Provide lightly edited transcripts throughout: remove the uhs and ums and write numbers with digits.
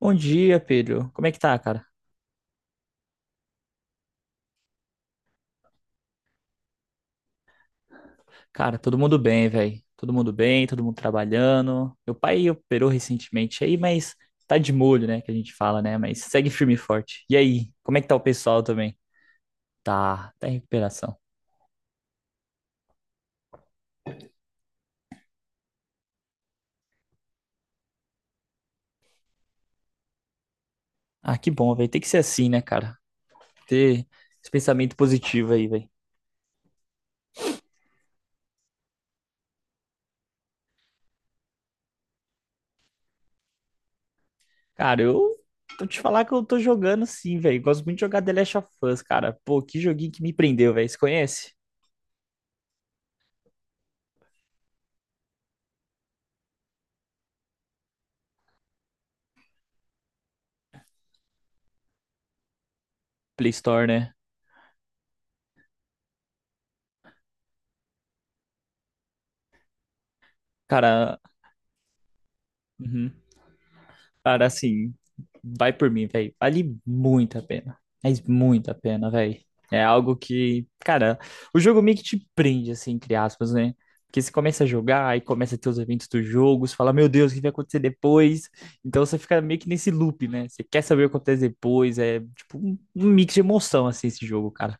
Bom dia, Pedro. Como é que tá, cara? Cara, todo mundo bem, velho. Todo mundo bem, todo mundo trabalhando. Meu pai operou recentemente aí, mas tá de molho, né? Que a gente fala, né? Mas segue firme e forte. E aí, como é que tá o pessoal também? Tá, tá em recuperação. Ah, que bom, velho. Tem que ser assim, né, cara? Ter esse pensamento positivo aí, velho. Cara, eu tô te falar que eu tô jogando sim, velho. Gosto muito de jogar The Last of Us, cara. Pô, que joguinho que me prendeu, velho. Você conhece? Play Store, né? Cara, uhum. Cara, assim, vai por mim, velho. Vale muito a pena. Mas muito a pena, velho. É algo que, cara, o jogo meio que te prende, assim, entre aspas, né? Porque você começa a jogar e começa a ter os eventos do jogo, você fala, meu Deus, o que vai acontecer depois? Então você fica meio que nesse loop, né? Você quer saber o que acontece depois. É tipo um mix de emoção, assim, esse jogo, cara.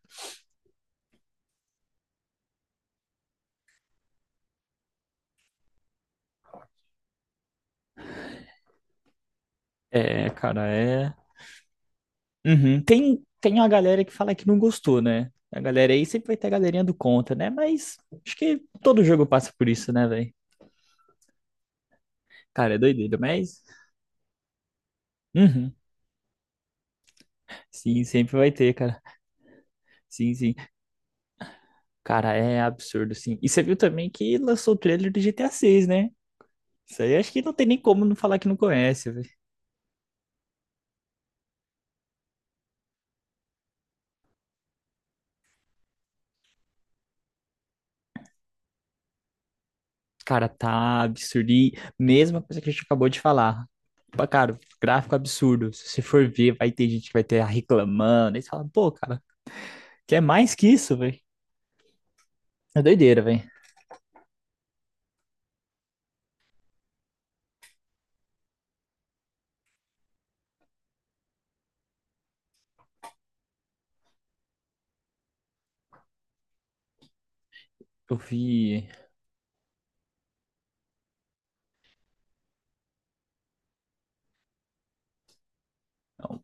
É, cara, é. Uhum. Tem uma galera que fala que não gostou, né? A galera aí sempre vai ter a galerinha do contra, né? Mas acho que todo jogo passa por isso, né, velho? Cara, é doideira, mas. Uhum. Sim, sempre vai ter, cara. Sim, sim. Cara, é absurdo, sim. E você viu também que lançou o trailer do GTA VI, né? Isso aí acho que não tem nem como não falar que não conhece, velho. Cara, tá absurdo. E mesma coisa que a gente acabou de falar. Pá, cara, gráfico é absurdo. Se você for ver, vai ter gente que vai ter reclamando. Aí você fala, pô, cara, quer mais que isso, velho? É doideira, velho. Eu vi. Não.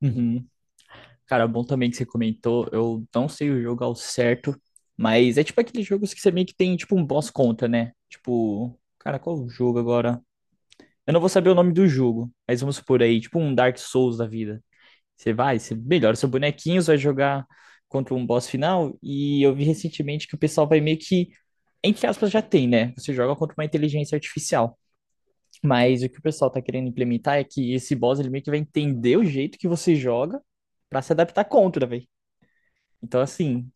Uhum. Cara, bom também que você comentou. Eu não sei o jogo ao certo, mas é tipo aqueles jogos que você meio que tem tipo um boss contra, né? Tipo, cara, qual o jogo agora? Eu não vou saber o nome do jogo, mas vamos supor aí, tipo um Dark Souls da vida. Você vai, você melhora seu bonequinho, você vai jogar contra um boss final. E eu vi recentemente que o pessoal vai meio que, entre aspas, já tem, né? Você joga contra uma inteligência artificial. Mas o que o pessoal tá querendo implementar é que esse boss ele meio que vai entender o jeito que você joga pra se adaptar contra, velho. Então, assim,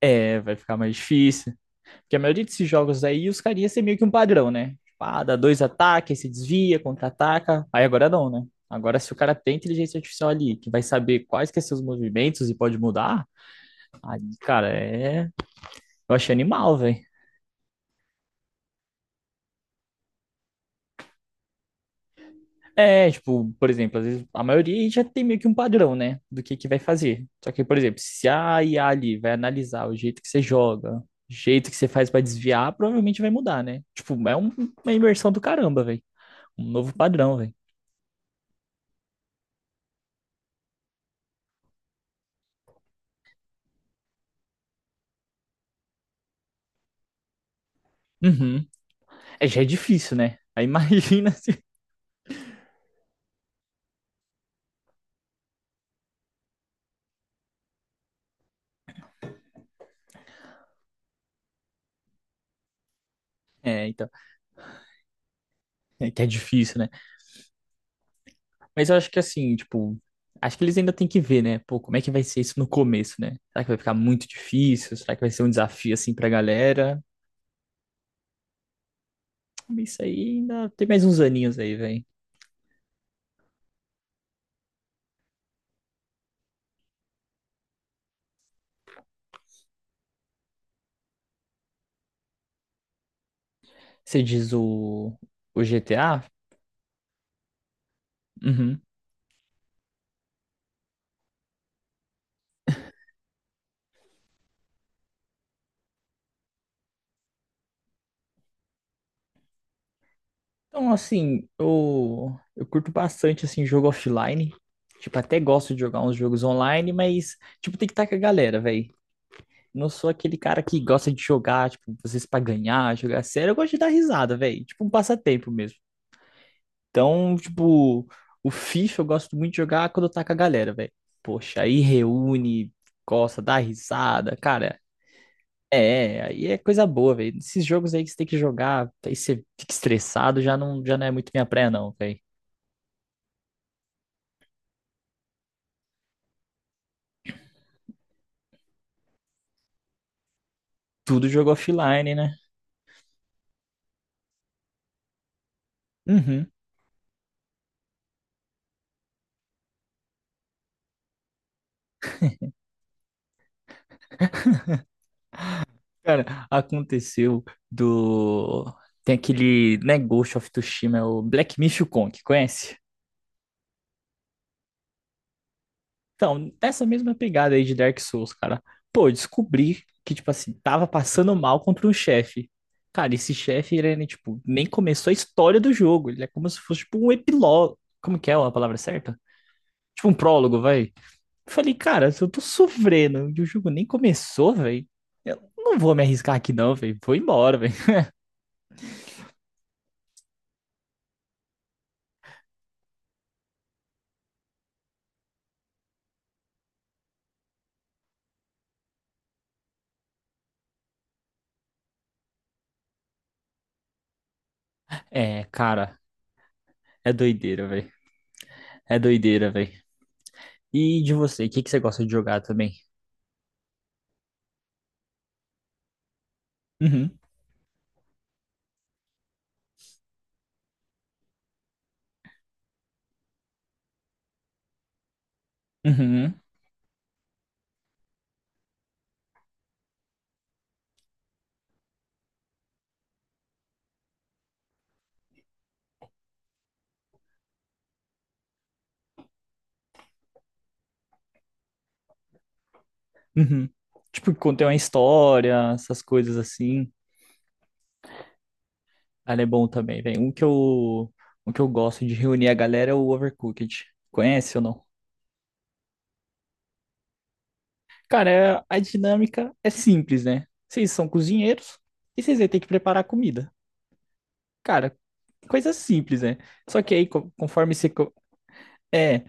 é, vai ficar mais difícil. Porque a maioria desses jogos aí, os carinhas têm meio que um padrão, né? Tipo, ah, dá dois ataques, se desvia, contra-ataca. Aí agora não, né? Agora, se o cara tem inteligência artificial ali, que vai saber quais que são seus movimentos e pode mudar, aí, cara, é. Eu achei animal, velho. É, tipo, por exemplo, às vezes a maioria já tem meio que um padrão, né, do que vai fazer. Só que, por exemplo, se a IA ali vai analisar o jeito que você joga, o jeito que você faz pra desviar, provavelmente vai mudar, né? Tipo, é uma imersão do caramba, velho. Um novo padrão, velho. Uhum. É, já é difícil, né? Aí imagina se. É, então, é que é difícil, né? Mas eu acho que assim, tipo, acho que eles ainda têm que ver, né? Pô, como é que vai ser isso no começo, né? Será que vai ficar muito difícil? Será que vai ser um desafio assim pra galera? Isso aí ainda tem mais uns aninhos aí, velho. Você diz o, GTA? Uhum. Então, assim, eu curto bastante, assim, jogo offline. Tipo, até gosto de jogar uns jogos online, mas, tipo, tem que estar com a galera, velho. Não sou aquele cara que gosta de jogar, tipo, às vezes pra ganhar, jogar sério. Eu gosto de dar risada, velho. Tipo, um passatempo mesmo. Então, tipo, o FIFA eu gosto muito de jogar quando eu tá com a galera, velho. Poxa, aí reúne, gosta, dá risada. Cara, aí é coisa boa, velho. Esses jogos aí que você tem que jogar, aí você fica estressado, já não é muito minha praia, não, velho. Tudo jogo offline, né? Uhum. Cara, aconteceu do. Tem aquele, né, Ghost of Tsushima, é o Black Myth Kong, conhece? Então, nessa mesma pegada aí de Dark Souls, cara. Pô, eu descobri que, tipo assim, tava passando mal contra um chefe. Cara, esse chefe, ele, né, tipo, nem começou a história do jogo. Ele é como se fosse, tipo, um epílogo. Como que é a palavra certa? Tipo um prólogo, vai. Falei, cara, se eu tô sofrendo e o jogo nem começou, velho, eu não vou me arriscar aqui não, velho. Vou embora, velho. É, cara, é doideira, velho. É doideira, velho. E de você, o que que você gosta de jogar também? Uhum, uhum, uhum. Tipo, quando tem uma história, essas coisas assim, ela é bom também, velho. Um que eu gosto de reunir a galera é o Overcooked. Conhece ou não? Cara, a dinâmica é simples, né? Vocês são cozinheiros e vocês vão ter que preparar comida. Cara, coisa simples, né? Só que aí, conforme você. É,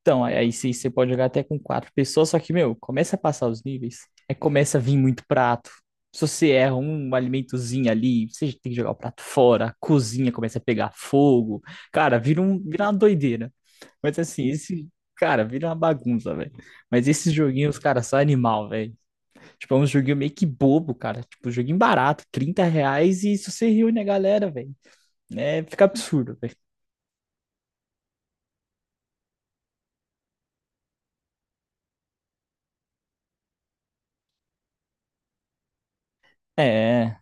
então, aí sim você pode jogar até com quatro pessoas, só que, meu, começa a passar os níveis, aí começa a vir muito prato. Se você erra um alimentozinho ali, você tem que jogar o prato fora, a cozinha começa a pegar fogo. Cara, vira uma doideira. Mas assim, esse. Cara, vira uma bagunça, velho. Mas esses joguinhos, cara, são animal, velho. Tipo, é um joguinho meio que bobo, cara. Tipo, joguinho barato, 30 reais e se você reúne a galera, velho. Né, fica absurdo, velho. É,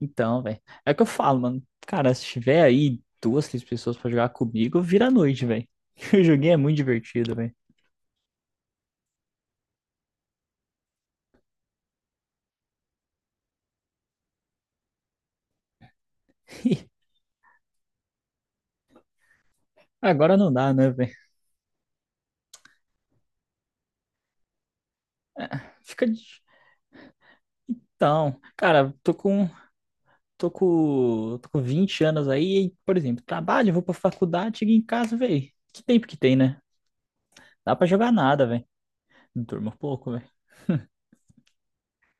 então, velho. É o que eu falo, mano. Cara, se tiver aí duas, três pessoas pra jogar comigo, vira a noite, velho. O joguinho é muito divertido, velho. Agora não dá, né, velho? Fica. Então, cara, tô com 20 anos aí, e, por exemplo, trabalho, vou pra faculdade, chego em casa, velho. Que tempo que tem, né? Dá pra jogar nada, velho. Durmo pouco, velho.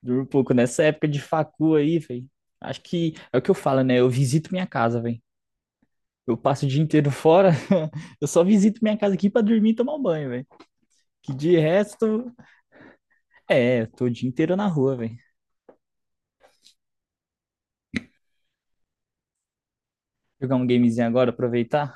Durmo pouco nessa época de facu aí, velho. Acho que é o que eu falo, né? Eu visito minha casa, velho. Eu passo o dia inteiro fora, eu só visito minha casa aqui pra dormir e tomar um banho, velho. Que de resto, é, tô o dia inteiro na rua, velho. Jogar um gamezinho agora, aproveitar.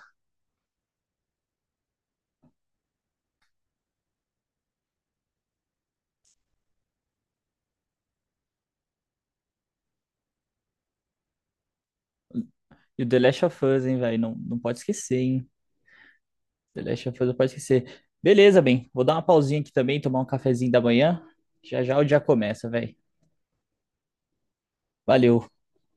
E o The Last of Us, hein, velho. Não, não pode esquecer, hein. The Last of Us não pode esquecer. Beleza, bem. Vou dar uma pausinha aqui também, tomar um cafezinho da manhã. Já já o dia começa, velho. Valeu.